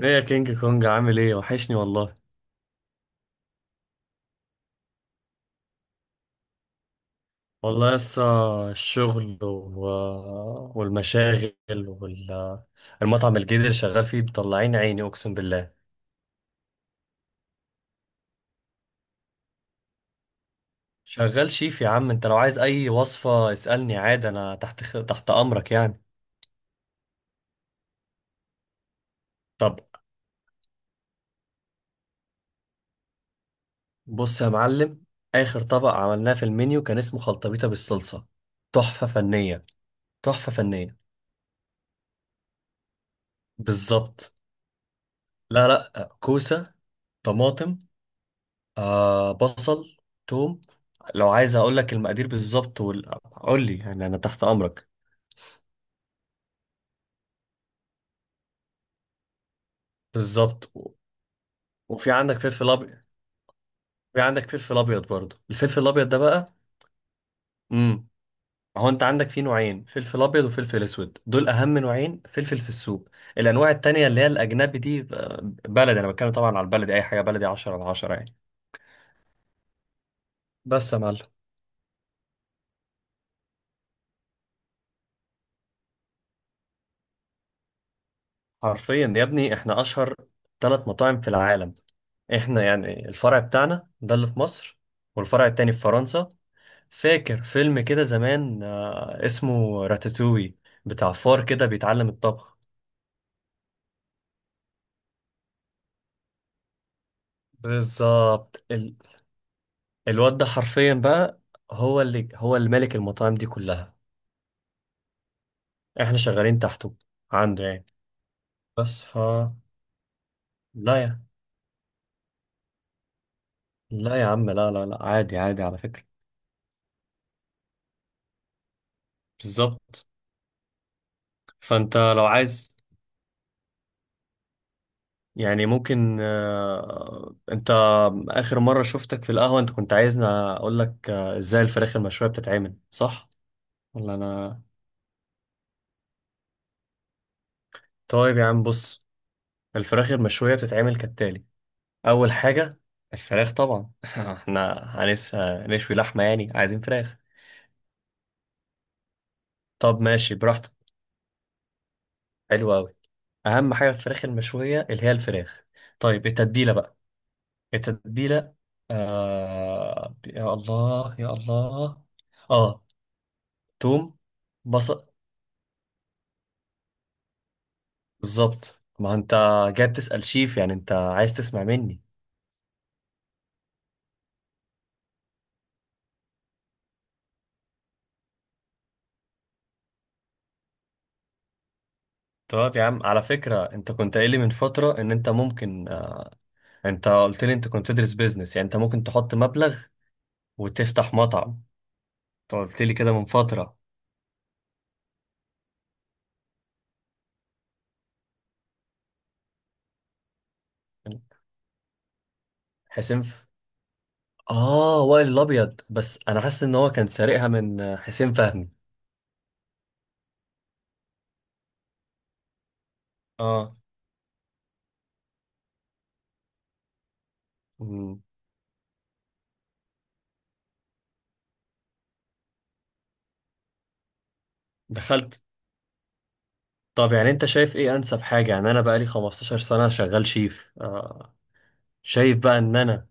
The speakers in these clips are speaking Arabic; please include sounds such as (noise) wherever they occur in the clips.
ايه يا كينج كونج عامل ايه وحشني والله. والله لسه الشغل و... والمشاغل والمطعم الجديد اللي شغال فيه مطلعين عيني اقسم بالله. شغال شيف يا عم. انت لو عايز اي وصفة اسألني عادي، انا تحت امرك يعني. طب بص يا معلم، اخر طبق عملناه في المنيو كان اسمه خلطبيطة بالصلصة. تحفة فنية تحفة فنية. بالظبط. لا لا، كوسة، طماطم، آه بصل، توم. لو عايز اقول لك المقادير بالظبط قول لي يعني انا تحت امرك. بالظبط و... وفي عندك فلفل ابيض. في عندك فلفل ابيض برضه، الفلفل الابيض ده بقى. امم هو انت عندك فيه نوعين، فلفل ابيض وفلفل اسود، دول اهم نوعين فلفل في السوق. الانواع التانية اللي هي الاجنبي دي بلدي. انا بتكلم طبعا على البلدي، اي حاجه بلدي 10 على 10 يعني. بس يا معلم، حرفيا يا ابني احنا اشهر ثلاث مطاعم في العالم. احنا يعني الفرع بتاعنا ده اللي في مصر، والفرع التاني في فرنسا. فاكر فيلم كده زمان اسمه راتاتوي، بتاع فار كده بيتعلم الطبخ. بالظبط ال... الواد ده حرفيا بقى هو اللي مالك المطاعم دي كلها، احنا شغالين تحته. عنده يعني. بس ف لا يا لا يا عم، لا، عادي عادي على فكرة. بالظبط. فانت لو عايز يعني ممكن، انت اخر مرة شفتك في القهوة انت كنت عايزني اقول لك ازاي الفراخ المشوية بتتعمل، صح ولا انا؟ طيب يا عم بص، الفراخ المشوية بتتعمل كالتالي: اول حاجة الفراخ طبعا (laughs) احنا هنشوي لحمة يعني عايزين فراخ. طب ماشي براحتك، حلو قوي. اهم حاجة في الفراخ المشوية اللي هي الفراخ. طيب التتبيلة بقى، التتبيلة. يا الله يا الله. اه توم، بصل. بالظبط، ما انت جاي بتسأل شيف يعني انت عايز تسمع مني. طب يا عم، على فكرة انت كنت قايل لي من فترة ان انت ممكن انت قلت لي انت كنت تدرس بيزنس، يعني انت ممكن تحط مبلغ وتفتح مطعم. انت قلت لي كده من فترة. حسين ف... اه وائل الابيض. بس انا حاسس ان هو كان سارقها من حسين فهمي. اه. مم. دخلت. طب يعني انت شايف ايه انسب حاجة؟ يعني انا بقالي 15 سنة شغال شيف آه. شايف بقى ان انا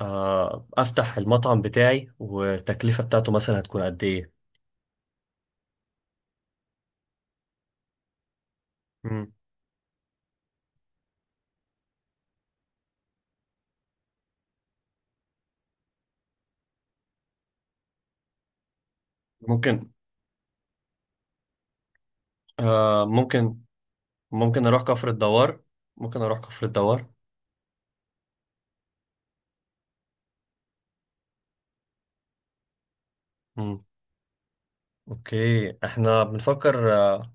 افتح المطعم بتاعي والتكلفة بتاعته مثلا هتكون قد ايه؟ مم. ممكن، ممكن. ممكن اروح كفر الدوار، ممكن اروح كفر الدوار. مم. اوكي، احنا بنفكر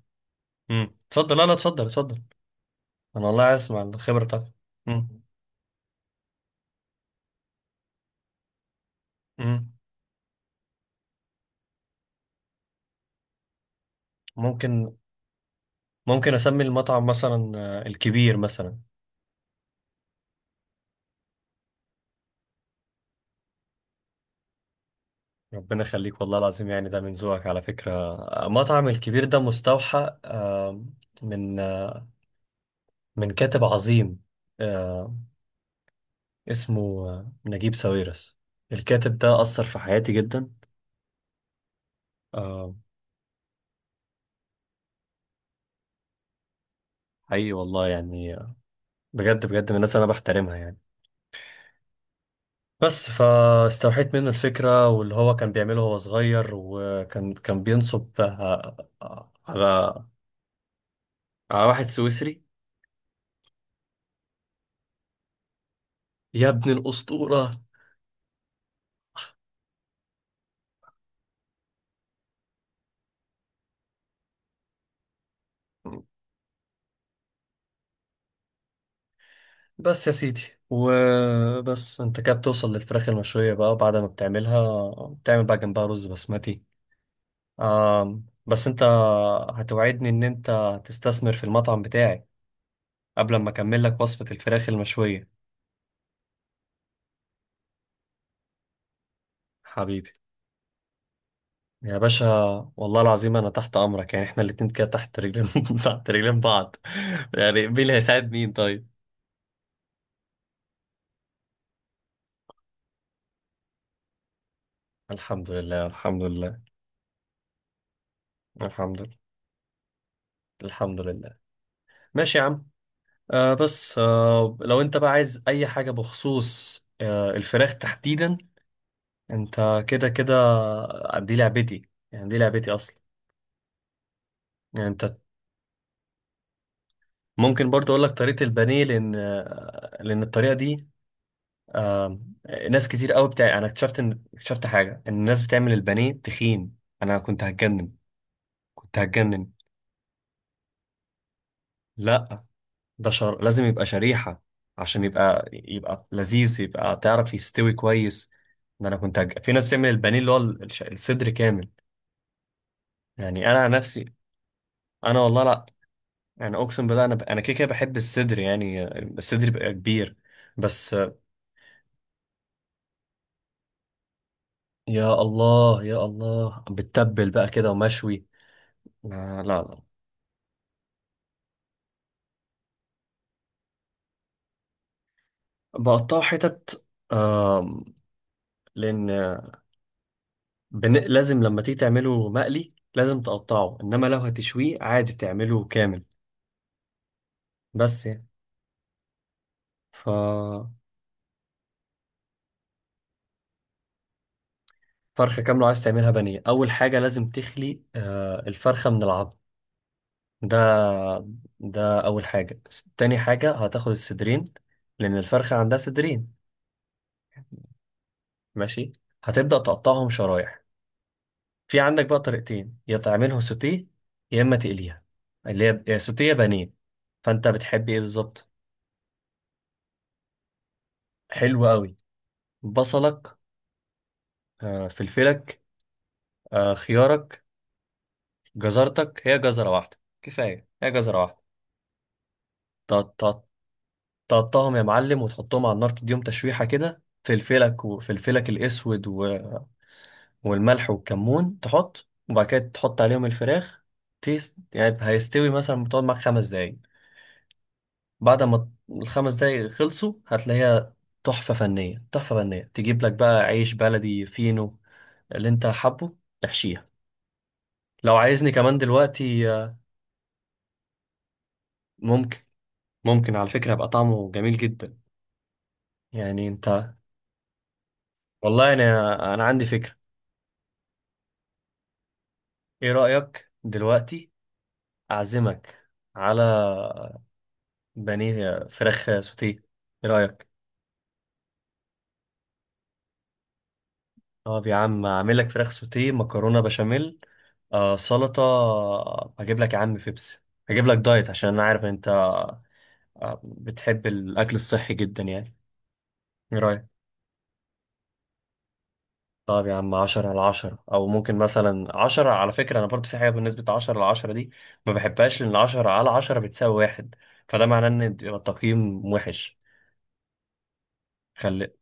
مم. اتفضل، لا لا اتفضل اتفضل. انا والله عايز اسمع الخبرة بتاعتك. مم. مم. ممكن. ممكن اسمي المطعم مثلا الكبير مثلا. ربنا يخليك، والله العظيم يعني ده من ذوقك على فكرة. مطعم الكبير ده مستوحى، من آه، من كاتب عظيم، آه، اسمه نجيب ساويرس. الكاتب ده أثر في حياتي جدا. آه، حقيقي والله يعني، بجد بجد من الناس اللي أنا بحترمها يعني. بس فاستوحيت منه الفكرة، واللي هو كان بيعمله وهو صغير وكان بينصب على على واحد سويسري. يا ابن الأسطورة. بس يا سيدي، وبس انت كده بتوصل للفراخ المشوية بقى، بعد ما بتعملها بتعمل بقى جنبها رز بسمتي. آم، بس انت هتوعدني ان انت تستثمر في المطعم بتاعي قبل ما اكمل لك وصفة الفراخ المشوية. حبيبي، يا باشا، والله العظيم انا تحت امرك. يعني احنا الاتنين كده تحت رجلين (laughs) تحت رجلين بعض. يعني مين اللي هيساعد مين طيب؟ الحمد لله الحمد لله. الحمد لله. الحمد لله. ماشي يا عم. آه بس آه لو انت بقى عايز اي حاجة بخصوص آه الفراخ تحديدا، انت كده كده دي لعبتي. يعني دي لعبتي اصلا. يعني انت ممكن برضه اقول لك طريقه البانيه، لان لان الطريقه دي آه، ناس كتير قوي بتاع. انا اكتشفت ان حاجه ان الناس بتعمل البانيه تخين. انا كنت هتجنن، كنت هتجنن. لا، لازم يبقى شريحه عشان يبقى يبقى لذيذ، يبقى تعرف يستوي كويس. ده انا كنت هج... في ناس بتعمل البانيه اللي هو الصدر كامل. يعني انا عن نفسي، انا والله لا. يعني اقسم بالله انا كده كده بحب الصدر يعني، الصدر بيبقى كبير بس. يا الله يا الله، بتتبل بقى كده ومشوي. لا لا. بقطعه حتت آم، لأن لازم لما تيجي تعمله مقلي لازم تقطعه، إنما لو هتشويه عادي تعمله كامل. بس يعني. ف فرخة كاملة عايز تعملها بانيه، أول حاجة لازم تخلي الفرخة من العظم. ده ده أول حاجة. تاني حاجة هتاخد الصدرين، لأن الفرخة عندها صدرين. ماشي. هتبدأ تقطعهم شرايح. في عندك بقى طريقتين، يا تعملها سوتيه يا اما تقليها، اللي هي يا سوتيه يا بانيه. فانت بتحب ايه بالظبط؟ حلو قوي. بصلك، فلفلك، خيارك، جزرتك. هي جزره واحده كفايه، هي جزره واحده. تق- تق- تقطعهم يا معلم وتحطهم على النار، تديهم تشويحه كده، فلفلك وفلفلك الاسود والملح والكمون تحط، وبعد كده تحط عليهم الفراخ. تيست يعني هيستوي، مثلا بتقعد معاك خمس دقايق. بعد ما الخمس دقايق خلصوا هتلاقيها تحفة فنية تحفة فنية. تجيب لك بقى عيش بلدي فينو اللي انت حابه، تحشيها. لو عايزني كمان دلوقتي ممكن، ممكن على فكرة يبقى طعمه جميل جدا. يعني انت، والله انا انا عندي فكرة. ايه رأيك دلوقتي، اعزمك على بانيه فراخ سوتيه، ايه رأيك؟ طب يا عم، اعمل لك فراخ سوتيه، مكرونة بشاميل، آه سلطة، هجيب لك يا عم بيبسي، هجيب لك دايت عشان انا عارف انت بتحب الأكل الصحي جدا يعني. ايه رأيك؟ طب يا عم، عشرة على عشرة. أو ممكن مثلا عشرة، على فكرة أنا برضو في حاجة بالنسبة عشرة على عشرة دي ما بحبهاش، لأن عشرة على عشرة بتساوي واحد، فده معناه إن يبقى التقييم وحش. خلي.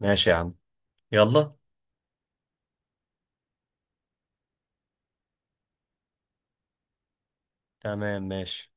ماشي يا عم، يلا. تمام ماشي.